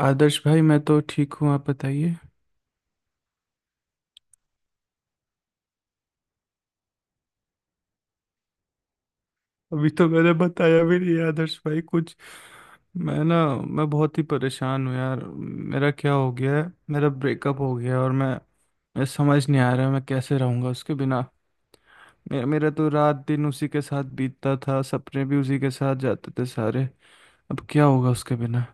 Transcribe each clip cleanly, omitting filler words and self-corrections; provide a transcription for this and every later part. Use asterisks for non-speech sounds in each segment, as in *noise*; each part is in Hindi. आदर्श भाई, मैं तो ठीक हूँ। आप बताइए। अभी तो मैंने बताया भी नहीं आदर्श भाई कुछ। मैं बहुत ही परेशान हूँ यार। मेरा क्या हो गया है? मेरा ब्रेकअप हो गया है और मैं समझ नहीं आ रहा मैं कैसे रहूँगा उसके बिना। मेरा मेरा तो रात दिन उसी के साथ बीतता था। सपने भी उसी के साथ जाते थे सारे। अब क्या होगा उसके बिना?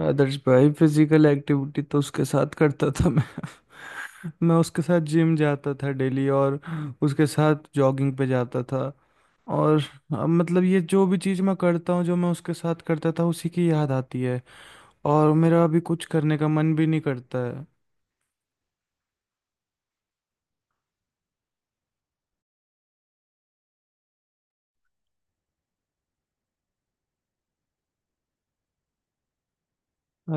आदर्श भाई, फिजिकल एक्टिविटी तो उसके साथ करता था मैं *laughs* मैं उसके साथ जिम जाता था डेली। और उसके साथ जॉगिंग पे जाता था। और अब मतलब ये जो भी चीज़ मैं करता हूँ जो मैं उसके साथ करता था उसी की याद आती है। और मेरा अभी कुछ करने का मन भी नहीं करता है।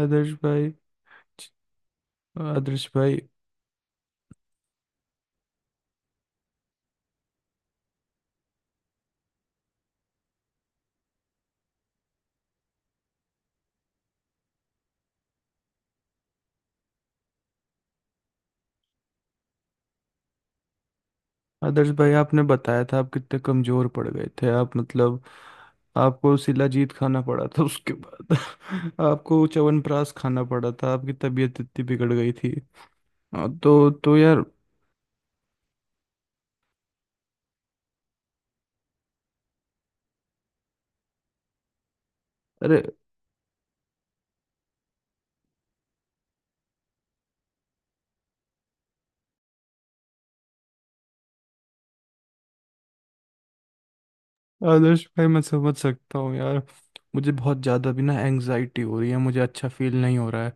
आदर्श भाई आदर्श भाई आदर्श भाई, आपने बताया था आप कितने कमजोर पड़ गए थे आप मतलब। आपको शिलाजीत खाना पड़ा था उसके बाद। *laughs* आपको च्यवनप्राश खाना पड़ा था। आपकी तबीयत इतनी बिगड़ गई थी। हाँ, तो यार। अरे, आदर्श भाई मैं समझ सकता हूँ यार। मुझे बहुत ज़्यादा भी ना एंग्जाइटी हो रही है। मुझे अच्छा फील नहीं हो रहा है।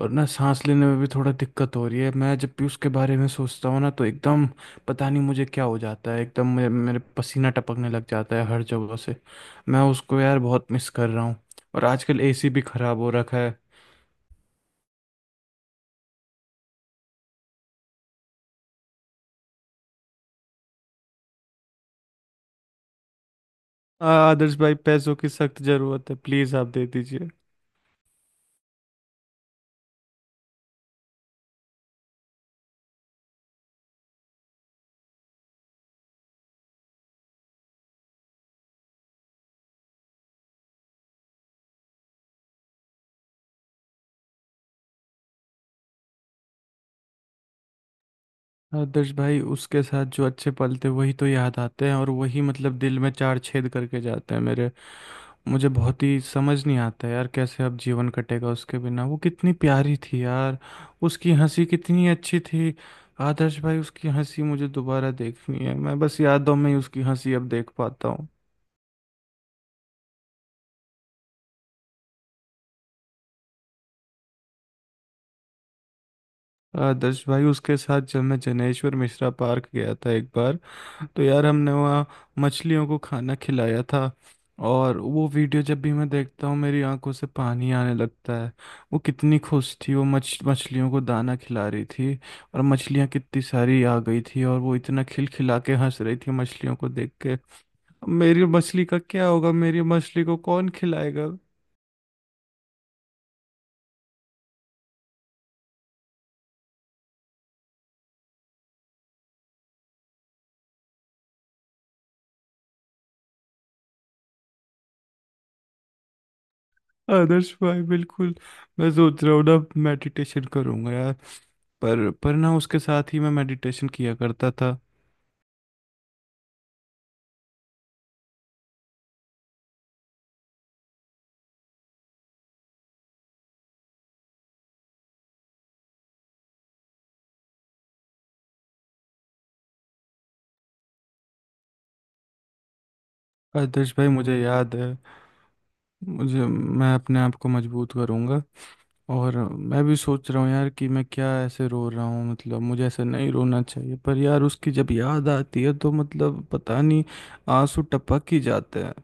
और ना सांस लेने में भी थोड़ा दिक्कत हो रही है। मैं जब भी उसके बारे में सोचता हूँ ना तो एकदम, पता नहीं मुझे क्या हो जाता है। एकदम मेरे पसीना टपकने लग जाता है हर जगह से। मैं उसको यार बहुत मिस कर रहा हूँ। और आजकल एसी भी खराब हो रखा है। आदर्श भाई पैसों की सख्त जरूरत है। प्लीज आप दे दीजिए। आदर्श भाई, उसके साथ जो अच्छे पल थे वही तो याद आते हैं। और वही मतलब दिल में चार छेद करके जाते हैं मेरे। मुझे बहुत ही समझ नहीं आता यार कैसे अब जीवन कटेगा उसके बिना। वो कितनी प्यारी थी यार। उसकी हंसी कितनी अच्छी थी। आदर्श भाई, उसकी हंसी मुझे दोबारा देखनी है। मैं बस यादों में ही उसकी हंसी अब देख पाता हूँ। आदर्श भाई, उसके साथ जब मैं जनेश्वर मिश्रा पार्क गया था एक बार, तो यार हमने वहाँ मछलियों को खाना खिलाया था। और वो वीडियो जब भी मैं देखता हूँ मेरी आंखों से पानी आने लगता है। वो कितनी खुश थी। वो मछ मछलियों को दाना खिला रही थी। और मछलियाँ कितनी सारी आ गई थी। और वो इतना खिलखिला के हंस रही थी मछलियों को देख के। अब मेरी मछली का क्या होगा? मेरी मछली को कौन खिलाएगा? आदर्श भाई, बिल्कुल। मैं सोच रहा हूँ ना मेडिटेशन करूंगा यार। पर ना उसके साथ ही मैं मेडिटेशन किया करता था। आदर्श भाई, मुझे याद है। मुझे, मैं अपने आप को मजबूत करूँगा। और मैं भी सोच रहा हूँ यार कि मैं क्या ऐसे रो रहा हूँ। मतलब मुझे ऐसे नहीं रोना चाहिए, पर यार उसकी जब याद आती है तो मतलब पता नहीं, आंसू टपक ही जाते हैं।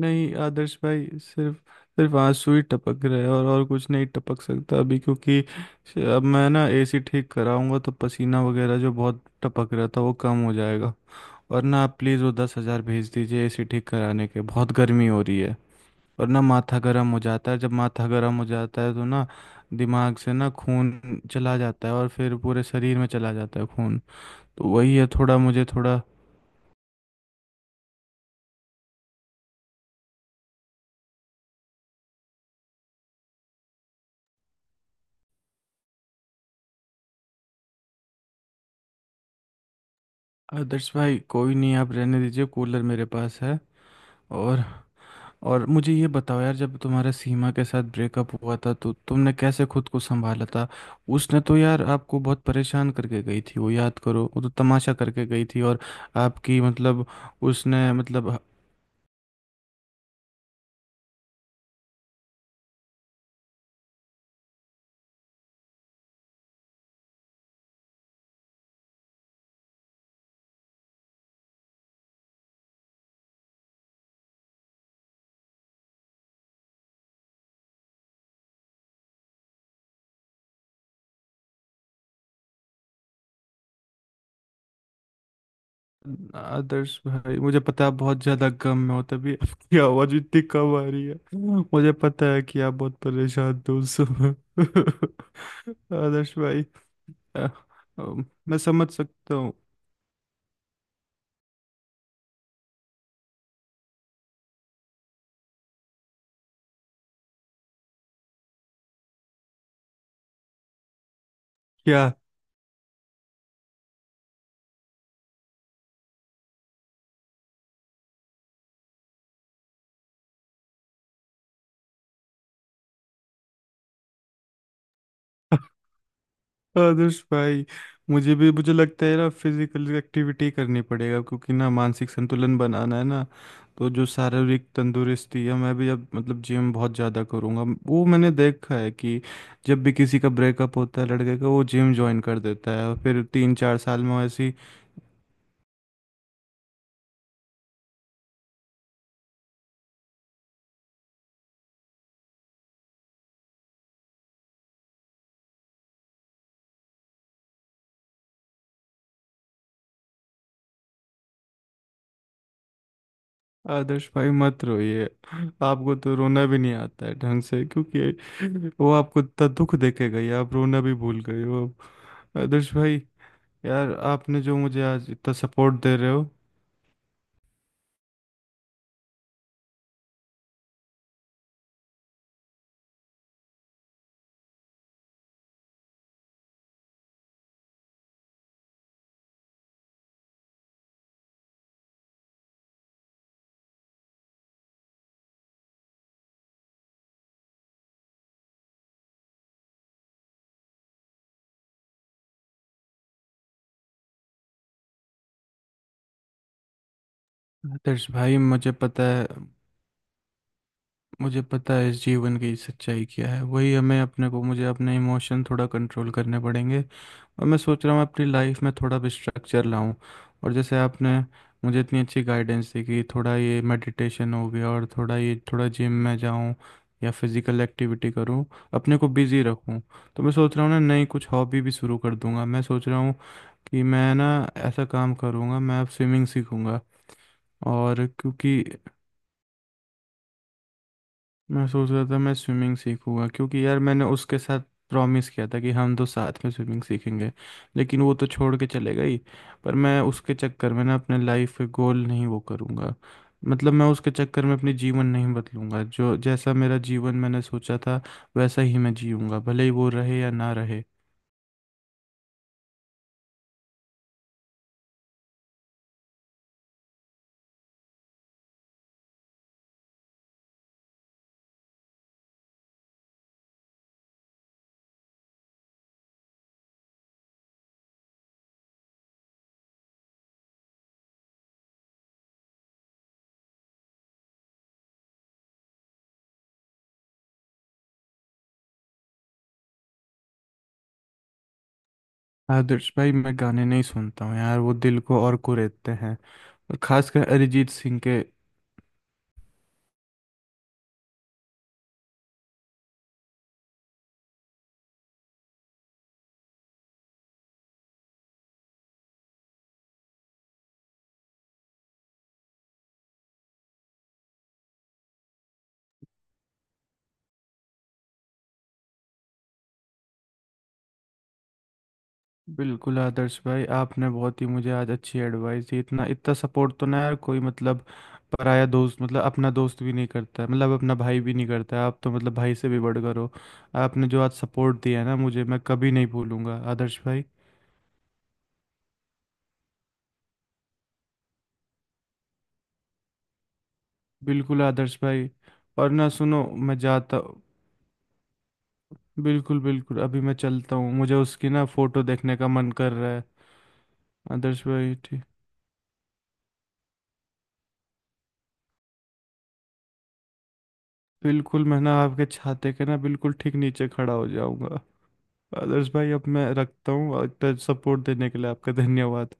नहीं आदर्श भाई, सिर्फ सिर्फ आंसू ही टपक रहे हैं और कुछ नहीं टपक सकता अभी क्योंकि अब मैं ना एसी ठीक कराऊंगा तो पसीना वगैरह जो बहुत टपक रहा था वो कम हो जाएगा। और ना आप प्लीज़ वो 10,000 भेज दीजिए एसी ठीक कराने के। बहुत गर्मी हो रही है। और ना माथा गर्म हो जाता है। जब माथा गर्म हो जाता है तो ना दिमाग से ना खून चला जाता है और फिर पूरे शरीर में चला जाता है खून। तो वही है, थोड़ा मुझे थोड़ा। आदर्श भाई, कोई नहीं आप रहने दीजिए, कूलर मेरे पास है। और और मुझे ये बताओ यार जब तुम्हारा सीमा के साथ ब्रेकअप हुआ था तो तुमने कैसे खुद को संभाला था। उसने तो यार आपको बहुत परेशान करके गई थी। वो याद करो, वो तो तमाशा करके गई थी। और आपकी मतलब, उसने मतलब, आदर्श भाई, मुझे पता है आप बहुत ज्यादा गम में हो तभी आपकी आवाज इतनी कम आ रही है। मुझे पता है कि आप बहुत परेशान थे उस समय *laughs* आदर्श भाई, अ, अ, मैं समझ सकता हूँ। क्या आदर्श भाई, मुझे लगता है ना फिजिकल एक्टिविटी करनी पड़ेगा क्योंकि ना मानसिक संतुलन बनाना है ना। तो जो शारीरिक तंदुरुस्ती है मैं भी अब मतलब जिम बहुत ज़्यादा करूँगा। वो मैंने देखा है कि जब भी किसी का ब्रेकअप होता है लड़के का, वो जिम ज्वाइन कर देता है और फिर 3-4 साल में ऐसी। आदर्श भाई, मत रोइए। आपको तो रोना भी नहीं आता है ढंग से क्योंकि वो आपको इतना दुख देके गई आप रोना भी भूल गए हो अब। आदर्श भाई, यार आपने जो मुझे आज इतना सपोर्ट दे रहे हो। आदर्श भाई, मुझे पता है। मुझे पता है इस जीवन की सच्चाई क्या है। वही हमें अपने को, मुझे अपने इमोशन थोड़ा कंट्रोल करने पड़ेंगे। और मैं सोच रहा हूँ अपनी लाइफ में थोड़ा भी स्ट्रक्चर लाऊं। और जैसे आपने मुझे इतनी अच्छी गाइडेंस दी कि थोड़ा ये मेडिटेशन हो गया और थोड़ा ये थोड़ा जिम में जाऊं या फिजिकल एक्टिविटी करूं, अपने को बिजी रखूं। तो मैं सोच रहा हूँ ना नई कुछ हॉबी भी शुरू कर दूंगा। मैं सोच रहा हूँ कि मैं ना ऐसा काम करूँगा, मैं अब स्विमिंग सीखूँगा। और क्योंकि मैं सोच रहा था मैं स्विमिंग सीखूँगा क्योंकि यार मैंने उसके साथ प्रॉमिस किया था कि हम दो साथ में स्विमिंग सीखेंगे। लेकिन वो तो छोड़ के चले गई। पर मैं उसके चक्कर में ना अपने लाइफ के गोल नहीं वो करूँगा। मतलब मैं उसके चक्कर में अपनी जीवन नहीं बदलूंगा। जो जैसा मेरा जीवन मैंने सोचा था वैसा ही मैं जीऊँगा भले ही वो रहे या ना रहे। आदर्श भाई, मैं गाने नहीं सुनता हूँ यार, वो दिल को और कुरेदते हैं। और खासकर अरिजीत सिंह के। बिल्कुल आदर्श भाई, आपने बहुत ही मुझे आज अच्छी एडवाइस दी। इतना इतना सपोर्ट तो ना यार कोई मतलब पराया दोस्त, मतलब अपना दोस्त भी नहीं करता है। मतलब अपना भाई भी नहीं करता है। आप तो मतलब भाई से भी बढ़कर हो। आपने जो आज सपोर्ट दिया है ना मुझे, मैं कभी नहीं भूलूंगा आदर्श भाई। बिल्कुल आदर्श भाई। और ना सुनो, मैं जाता, बिल्कुल बिल्कुल अभी मैं चलता हूँ। मुझे उसकी ना फोटो देखने का मन कर रहा है। आदर्श भाई, ठीक। बिल्कुल, मैं ना आपके छाते के ना बिल्कुल ठीक नीचे खड़ा हो जाऊंगा। आदर्श भाई, अब मैं रखता हूँ। और इतना सपोर्ट देने के लिए आपका धन्यवाद।